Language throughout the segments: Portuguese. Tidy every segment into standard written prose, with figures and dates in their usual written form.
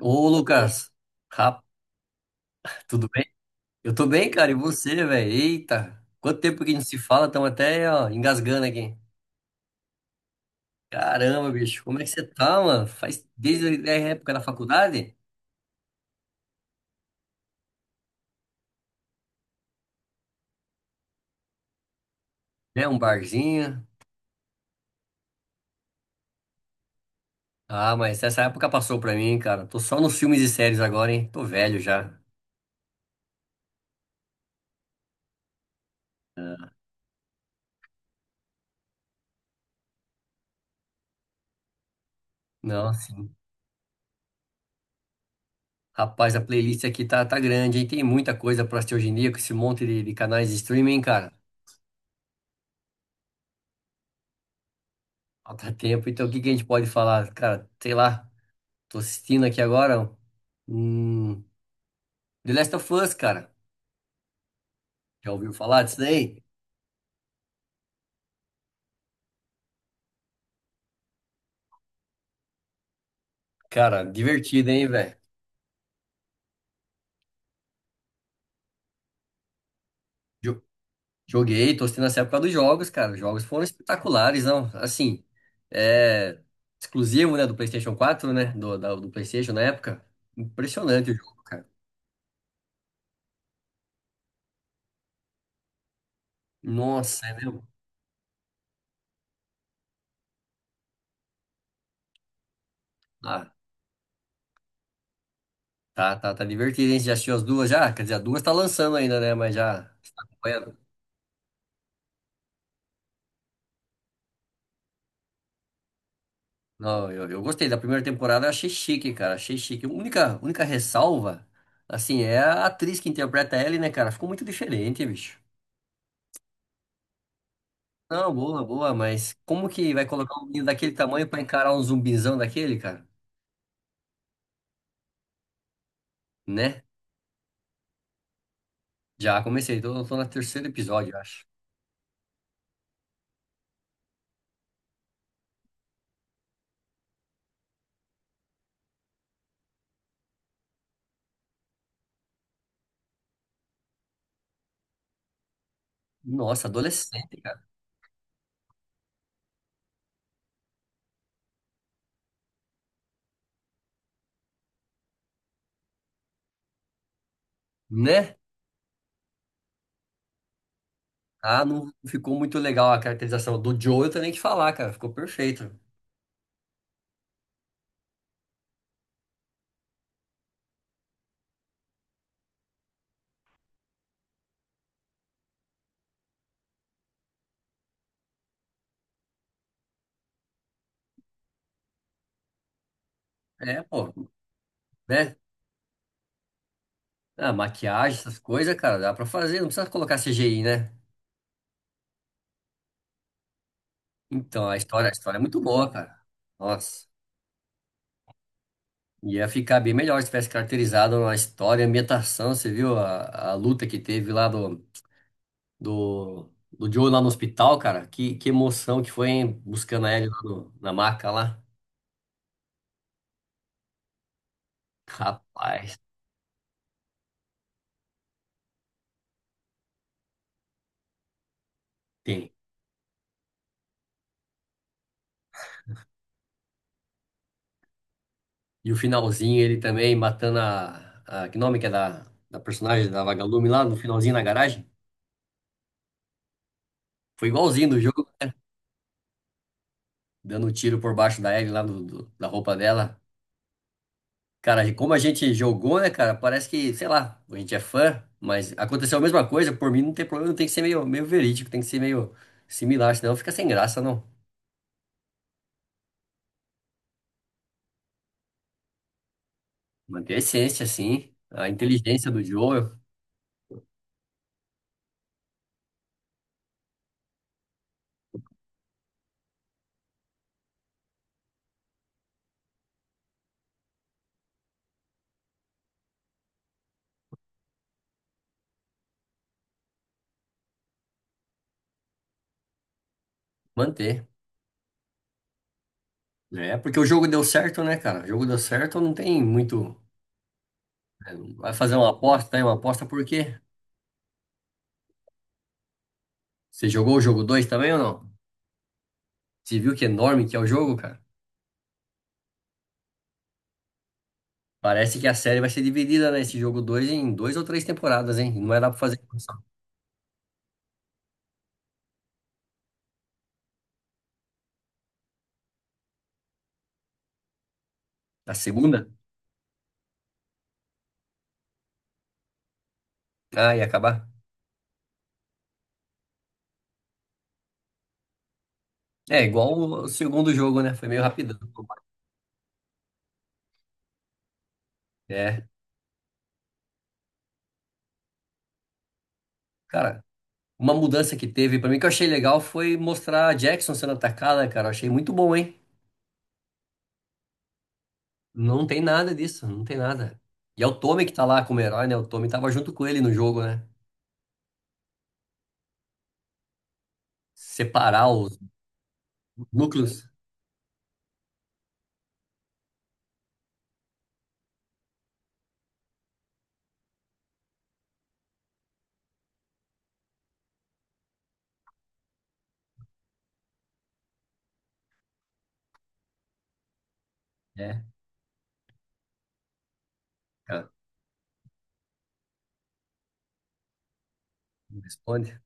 Ô, Lucas, rap, tudo bem? Eu tô bem, cara, e você, velho? Eita, quanto tempo que a gente se fala, estamos até, ó, engasgando aqui. Caramba, bicho, como é que você tá, mano? Faz desde a época da faculdade, né? Um barzinho. Ah, mas essa época passou pra mim, cara. Tô só nos filmes e séries agora, hein? Tô velho já. Não, assim, rapaz, a playlist aqui tá, grande, hein? Tem muita coisa pra assistir hoje em dia com esse monte de canais de streaming, cara. Falta tempo, então o que que a gente pode falar? Cara, sei lá. Tô assistindo aqui agora. Hum, The Last of Us, cara. Já ouviu falar disso daí? Cara, divertido, hein, velho? Jo- Joguei, tô assistindo essa época dos jogos, cara. Os jogos foram espetaculares, não? Assim, é exclusivo, né, do PlayStation quatro, né? Do PlayStation na época. Impressionante o jogo, cara. Nossa, é mesmo? Ah, tá, tá divertido, hein? Você já assistiu as duas já? Quer dizer, as duas tá lançando ainda, né? Mas já está acompanhando? Não, eu gostei da primeira temporada, eu achei chique, cara, achei chique. A única ressalva, assim, é a atriz que interpreta ela, né, cara? Ficou muito diferente, bicho. Não, boa, boa, mas como que vai colocar um menino daquele tamanho pra encarar um zumbizão daquele, cara? Né? Já comecei, tô, no terceiro episódio, eu acho. Nossa, adolescente, cara. Né? Ah, não ficou muito legal a caracterização do Joe, eu tenho nem que falar, cara, ficou perfeito. É, pô, né? Ah, maquiagem, essas coisas, cara, dá pra fazer, não precisa colocar CGI, né? Então, a história é muito boa, cara. Nossa, ia ficar bem melhor se tivesse caracterizado a história, a ambientação. Você viu a luta que teve lá do Joe lá no hospital, cara? Que emoção que foi, hein? Buscando a Ellie lá na maca lá. Rapaz, tem. E o finalzinho, ele também matando Que nome que é da personagem da Vagalume lá no finalzinho na garagem? Foi igualzinho do jogo, dando um tiro por baixo da Ellie lá da roupa dela. Cara, como a gente jogou, né, cara? Parece que, sei lá, a gente é fã, mas aconteceu a mesma coisa. Por mim, não tem problema, tem que ser meio verídico, tem que ser meio similar, senão fica sem graça, não. Manter a essência, assim, a inteligência do jogo, manter. É, porque o jogo deu certo, né, cara? O jogo deu certo, não tem muito. Vai fazer uma aposta, hein? Uma aposta por quê? Você jogou o jogo 2 também ou não? Você viu que enorme que é o jogo, cara? Parece que a série vai ser dividida, né? Esse jogo 2 em duas ou três temporadas, hein? Não vai dar pra fazer uma só. A segunda? Ah, ia acabar. É, igual o segundo jogo, né? Foi meio rapidão. É, cara, uma mudança que teve pra mim que eu achei legal foi mostrar a Jackson sendo atacada, cara. Eu achei muito bom, hein? Não tem nada disso, não tem nada. E é o Tommy que tá lá como herói, né? O Tommy tava junto com ele no jogo, né? Separar os núcleos. É, cara, não responde.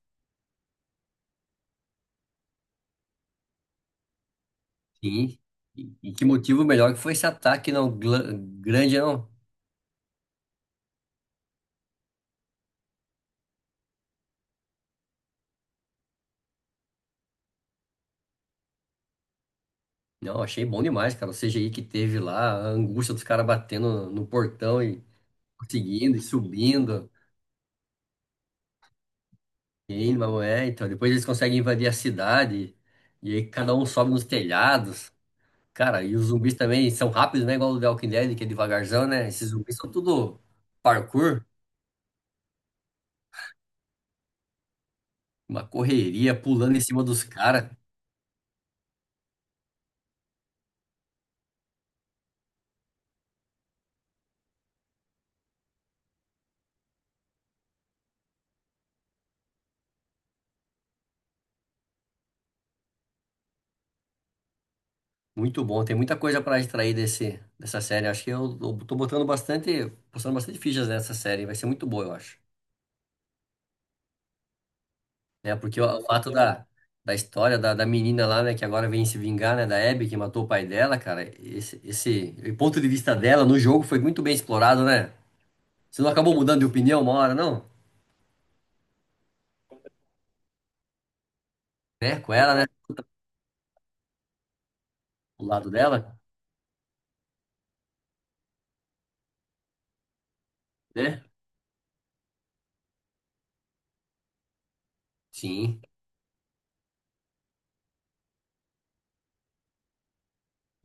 Sim. E que motivo melhor que foi esse ataque, não? Grande, não. Não, achei bom demais, cara. O CGI que teve lá, a angústia dos caras batendo no portão e conseguindo e subindo. E aí, mas é, então, depois eles conseguem invadir a cidade. E aí cada um sobe nos telhados. Cara, e os zumbis também são rápidos, né? Igual o The Walking Dead, que é devagarzão, né? Esses zumbis são tudo parkour, uma correria, pulando em cima dos caras. Muito bom, tem muita coisa pra extrair dessa série. Acho que eu tô botando bastante, postando bastante fichas nessa série. Vai ser muito boa, eu acho. Né? Porque o fato da história da menina lá, né, que agora vem se vingar, né, da Abby que matou o pai dela, cara, esse o ponto de vista dela no jogo foi muito bem explorado, né? Você não acabou mudando de opinião uma hora, não? Né? Com ela, né? O lado dela, né? Sim.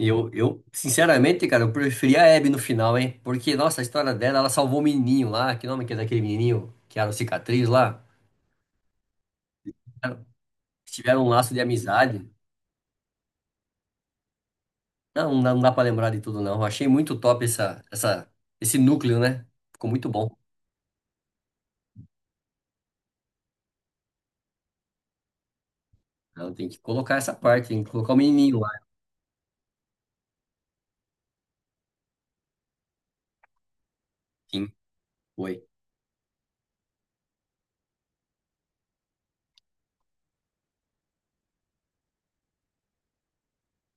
Sinceramente, cara, eu preferi a Abby no final, hein? Porque, nossa, a história dela, ela salvou o menininho lá. Que nome que é daquele menininho que era o cicatriz lá? Tiveram um laço de amizade. Não, não dá para lembrar de tudo, não. Eu achei muito top esse núcleo, né? Ficou muito bom. Então, tem que colocar essa parte, tem que colocar o menininho lá. Sim, foi.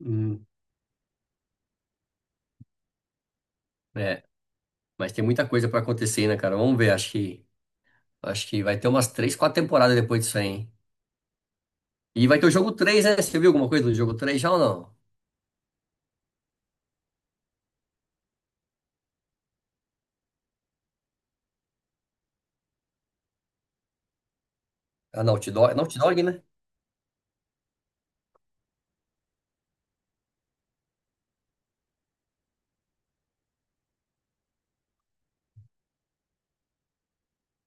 Hum, é, mas tem muita coisa para acontecer, né, cara? Vamos ver, acho que vai ter umas três, quatro temporadas depois disso aí, hein? E vai ter o jogo três, né? Você viu alguma coisa do jogo 3 já ou não? A Naughty Dog, é Naughty Dog, né?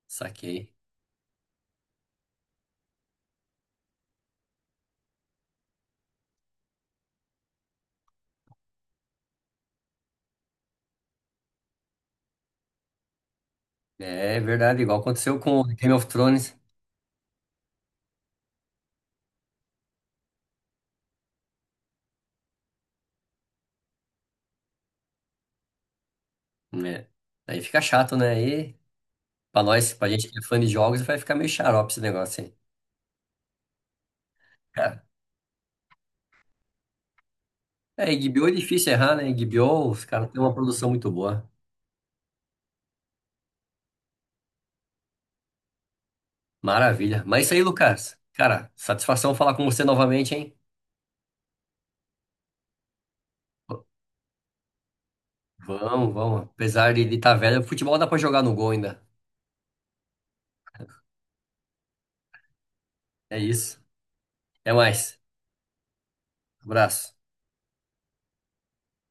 Saquei. É verdade, igual aconteceu com Game of Thrones, né? Aí fica chato, né? Aí, pra nós, pra gente que é fã de jogos, vai ficar meio xarope esse negócio aí. É, HBO é difícil errar, né? HBO, os caras têm uma produção muito boa. Maravilha. Mas é isso aí, Lucas. Cara, satisfação falar com você novamente, hein? Vamos, vamos. Apesar de estar velho, o futebol dá pra jogar no gol ainda. É isso. Até mais. Abraço.